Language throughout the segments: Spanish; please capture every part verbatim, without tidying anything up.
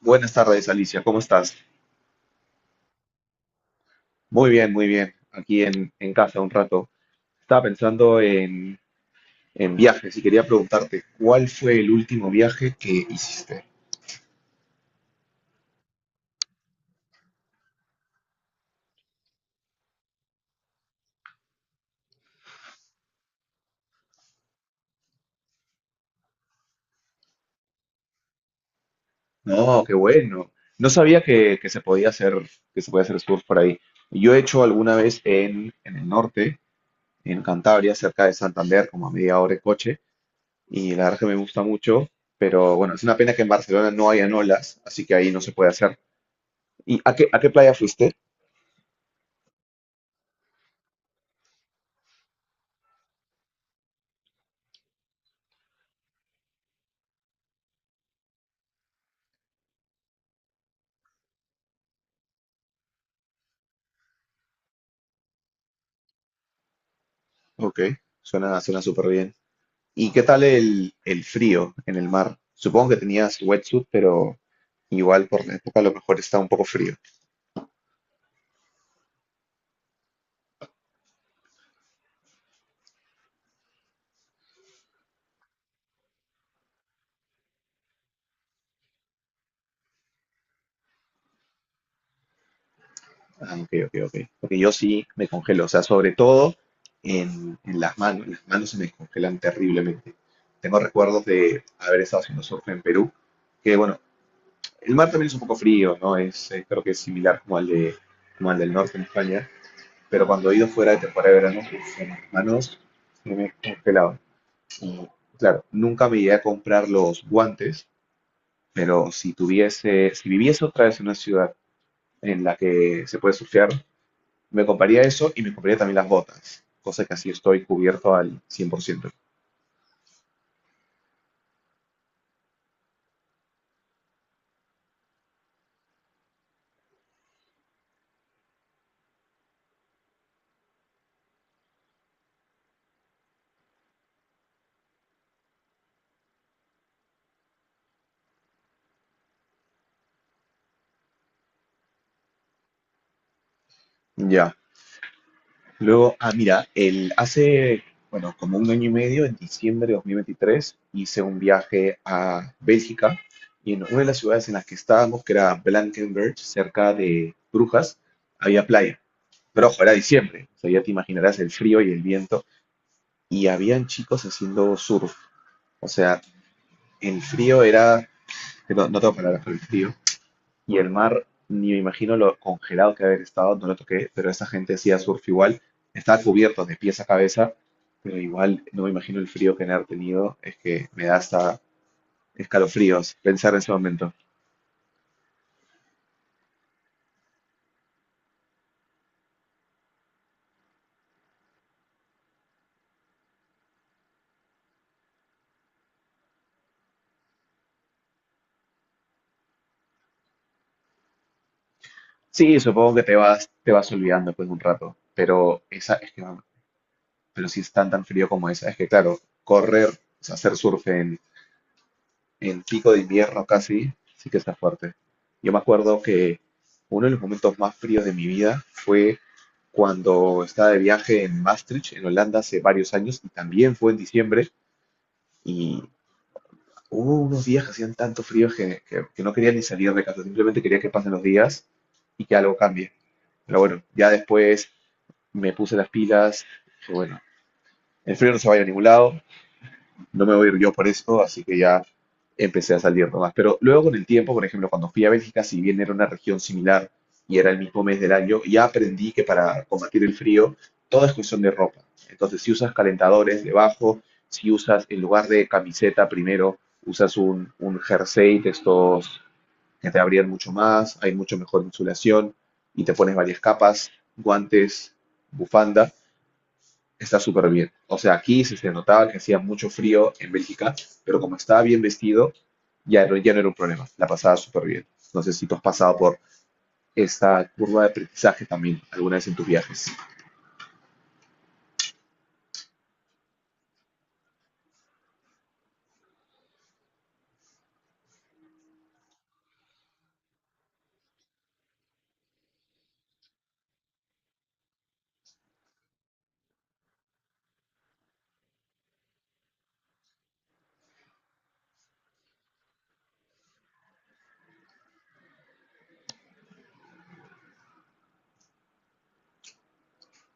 Buenas tardes, Alicia, ¿cómo estás? Muy bien, muy bien. Aquí en, en casa un rato. Estaba pensando en, en viajes y quería preguntarte, ¿cuál fue el último viaje que hiciste? No, qué bueno. No sabía que, que se podía hacer, que se podía hacer surf por ahí. Yo he hecho alguna vez en, en el norte, en Cantabria, cerca de Santander, como a media hora de coche, y la verdad que me gusta mucho, pero bueno, es una pena que en Barcelona no hayan olas, así que ahí no se puede hacer. ¿Y a qué, a qué playa fuiste? Ok, suena, suena súper bien. ¿Y qué tal el, el frío en el mar? Supongo que tenías wetsuit, pero igual por la época a lo mejor está un poco frío. Ah, ok, ok, ok. Porque yo sí me congelo, o sea, sobre todo en, en las manos. Las manos se me congelan terriblemente. Tengo recuerdos de haber estado haciendo surf en Perú, que bueno, el mar también es un poco frío, ¿no? Es, eh, creo que es similar como al de, como al del norte en España, pero cuando he ido fuera de temporada de verano, uf, en las manos se me congelaban. Mm, Claro, nunca me llegué a comprar los guantes, pero si tuviese, si viviese otra vez en una ciudad en la que se puede surfear, me compraría eso y me compraría también las botas, cosa que así estoy cubierto al cien por ciento. Ya. Luego, ah, mira, el, hace, bueno, como un año y medio, en diciembre de dos mil veintitrés hice un viaje a Bélgica y en una de las ciudades en las que estábamos, que era Blankenberge, cerca de Brujas, había playa. Pero ojo, era diciembre, o sea, ya te imaginarás el frío y el viento. Y habían chicos haciendo surf. O sea, el frío era, que no, no tengo palabras para el frío. Y el mar, ni me imagino lo congelado que haber estado, no lo toqué, pero esa gente hacía surf igual. Estaba cubierto de pies a cabeza, pero igual no me imagino el frío que han de haber tenido. Es que me da hasta escalofríos pensar en ese momento. Sí, supongo que te vas, te vas olvidando después de un rato, pero esa es que pero si es tan tan frío como es, es que claro, correr, o sea, hacer surf en, en pico de invierno casi, sí que está fuerte. Yo me acuerdo que uno de los momentos más fríos de mi vida fue cuando estaba de viaje en Maastricht, en Holanda, hace varios años, y también fue en diciembre, y hubo unos días que hacían tanto frío que, que- que no quería ni salir de casa, simplemente quería que pasen los días y que algo cambie. Pero bueno, ya después me puse las pilas, dije, bueno, el frío no se va a ir a ningún lado, no me voy a ir yo por esto, así que ya empecé a salir nomás. Pero luego con el tiempo, por ejemplo, cuando fui a Bélgica, si bien era una región similar y era el mismo mes del año, ya aprendí que para combatir el frío todo es cuestión de ropa. Entonces, si usas calentadores debajo, si usas en lugar de camiseta primero, usas un, un jersey de estos que te abrían mucho más, hay mucho mejor insulación y te pones varias capas, guantes, bufanda. Está súper bien. O sea, aquí se, se notaba que hacía mucho frío en Bélgica, pero como estaba bien vestido, ya no, ya no era un problema. La pasaba súper bien. No sé si tú has pasado por esta curva de aprendizaje también alguna vez en tus viajes.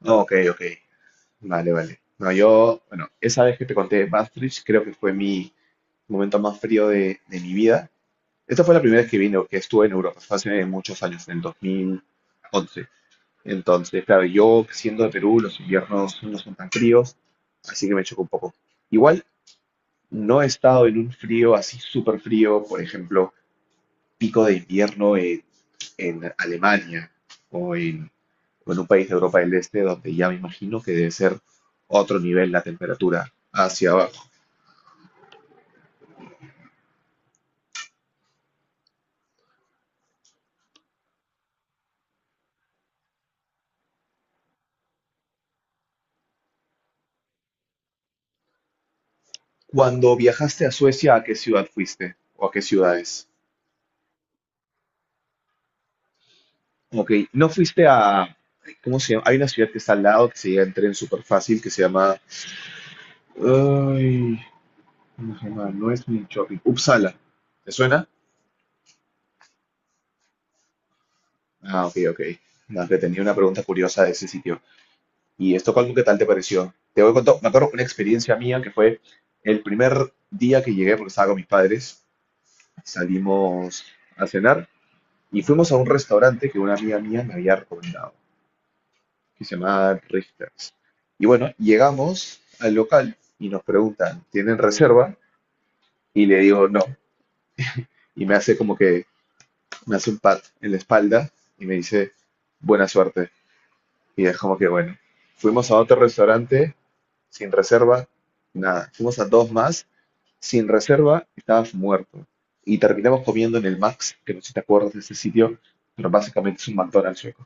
No, ok, ok. Vale, vale. No, yo, bueno, esa vez que te conté de Maastricht, creo que fue mi momento más frío de, de mi vida. Esta fue la primera vez que vine, que estuve en Europa. Fue hace muchos años, en el dos mil once. Entonces, claro, yo siendo de Perú, los inviernos no son tan fríos, así que me chocó un poco. Igual no he estado en un frío así súper frío, por ejemplo, pico de invierno en, en Alemania o en, o en un país de Europa del Este, donde ya me imagino que debe ser otro nivel la temperatura hacia abajo. Cuando viajaste a Suecia, ¿a qué ciudad fuiste? ¿O a qué ciudades? Ok, no fuiste a... ¿Cómo se llama? Hay una ciudad que está al lado que se llega en tren súper fácil, que se llama Ay, ¿cómo se llama? No es mi shopping. Uppsala. ¿Te suena? Ah, ok, ok. No, que tenía una pregunta curiosa de ese sitio. ¿Y Estocolmo qué tal te pareció? Te voy a contar, me acuerdo una experiencia mía que fue el primer día que llegué, porque estaba con mis padres, salimos a cenar y fuimos a un restaurante que una amiga mía me había recomendado, que se llamaba Richters. Y bueno, llegamos al local y nos preguntan, ¿tienen reserva? Y le digo, no. Y me hace como que, me hace un pat en la espalda y me dice buena suerte. Y es como que bueno, fuimos a otro restaurante sin reserva, nada. Fuimos a dos más sin reserva, estabas muerto. Y terminamos comiendo en el Max, que no sé si te acuerdas de ese sitio, pero básicamente es un McDonald's sueco.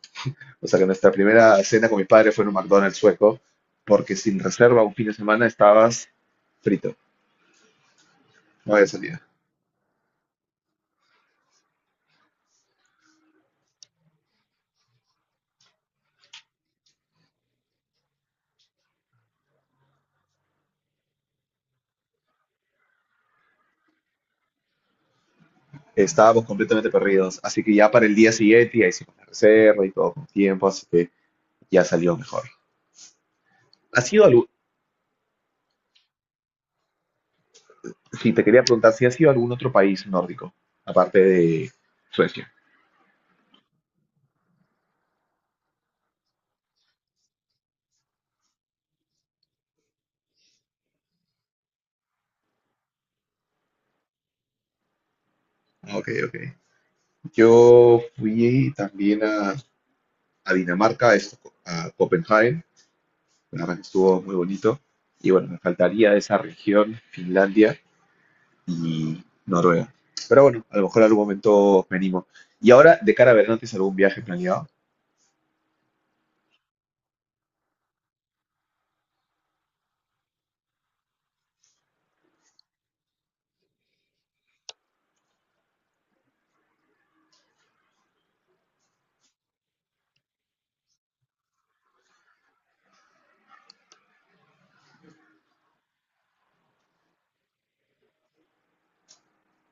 O sea que nuestra primera cena con mi padre fue en un McDonald's sueco, porque sin reserva un fin de semana estabas frito, no había salida. Estábamos completamente perdidos, así que ya para el día siguiente ya hicimos la reserva y todo con tiempo, así que ya salió mejor. ¿Ha sido algún, sí, te quería preguntar si ha sido algún otro país nórdico, aparte de Suecia? Ok, ok. Yo fui también a, a Dinamarca, a, Esto- a Copenhague, la verdad que estuvo muy bonito. Y bueno, me faltaría esa región, Finlandia y Noruega. Pero bueno, a lo mejor en algún momento venimos. Y ahora, de cara a verano, ¿tienes algún viaje planeado?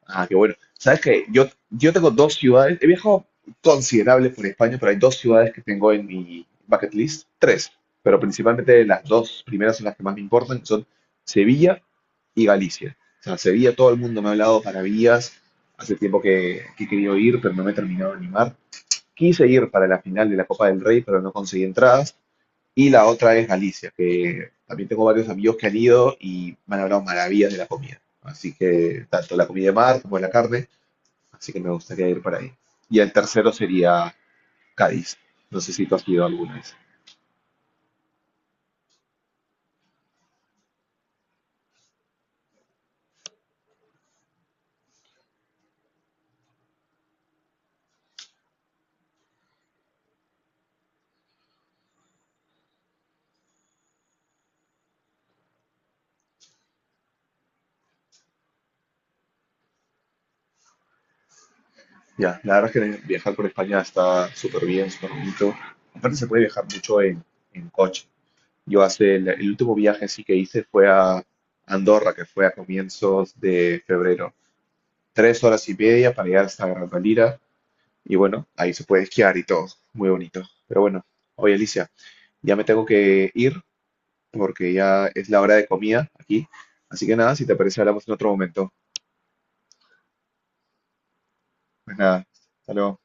Ah, qué bueno. Sabes que yo, yo tengo dos ciudades, he viajado considerable por España, pero hay dos ciudades que tengo en mi bucket list, tres, pero principalmente las dos primeras son las que más me importan, que son Sevilla y Galicia. O sea, Sevilla todo el mundo me ha hablado maravillas, hace tiempo que, que he querido ir, pero no me he terminado de animar. Quise ir para la final de la Copa del Rey, pero no conseguí entradas. Y la otra es Galicia, que también tengo varios amigos que han ido y me han hablado maravillas de la comida. Así que tanto la comida de mar como la carne, así que me gustaría ir para ahí. Y el tercero sería Cádiz. No sé si tú has ido alguna vez. Ya, la verdad es que viajar por España está súper bien, súper bonito. Aparte se puede viajar mucho en, en coche. Yo hace el, el último viaje sí que hice fue a Andorra, que fue a comienzos de febrero. Tres horas y media para llegar hasta Gran Valira. Y bueno, ahí se puede esquiar y todo. Muy bonito. Pero bueno, oye Alicia, ya me tengo que ir porque ya es la hora de comida aquí. Así que nada, si te parece, hablamos en otro momento. Pues nada, hasta luego.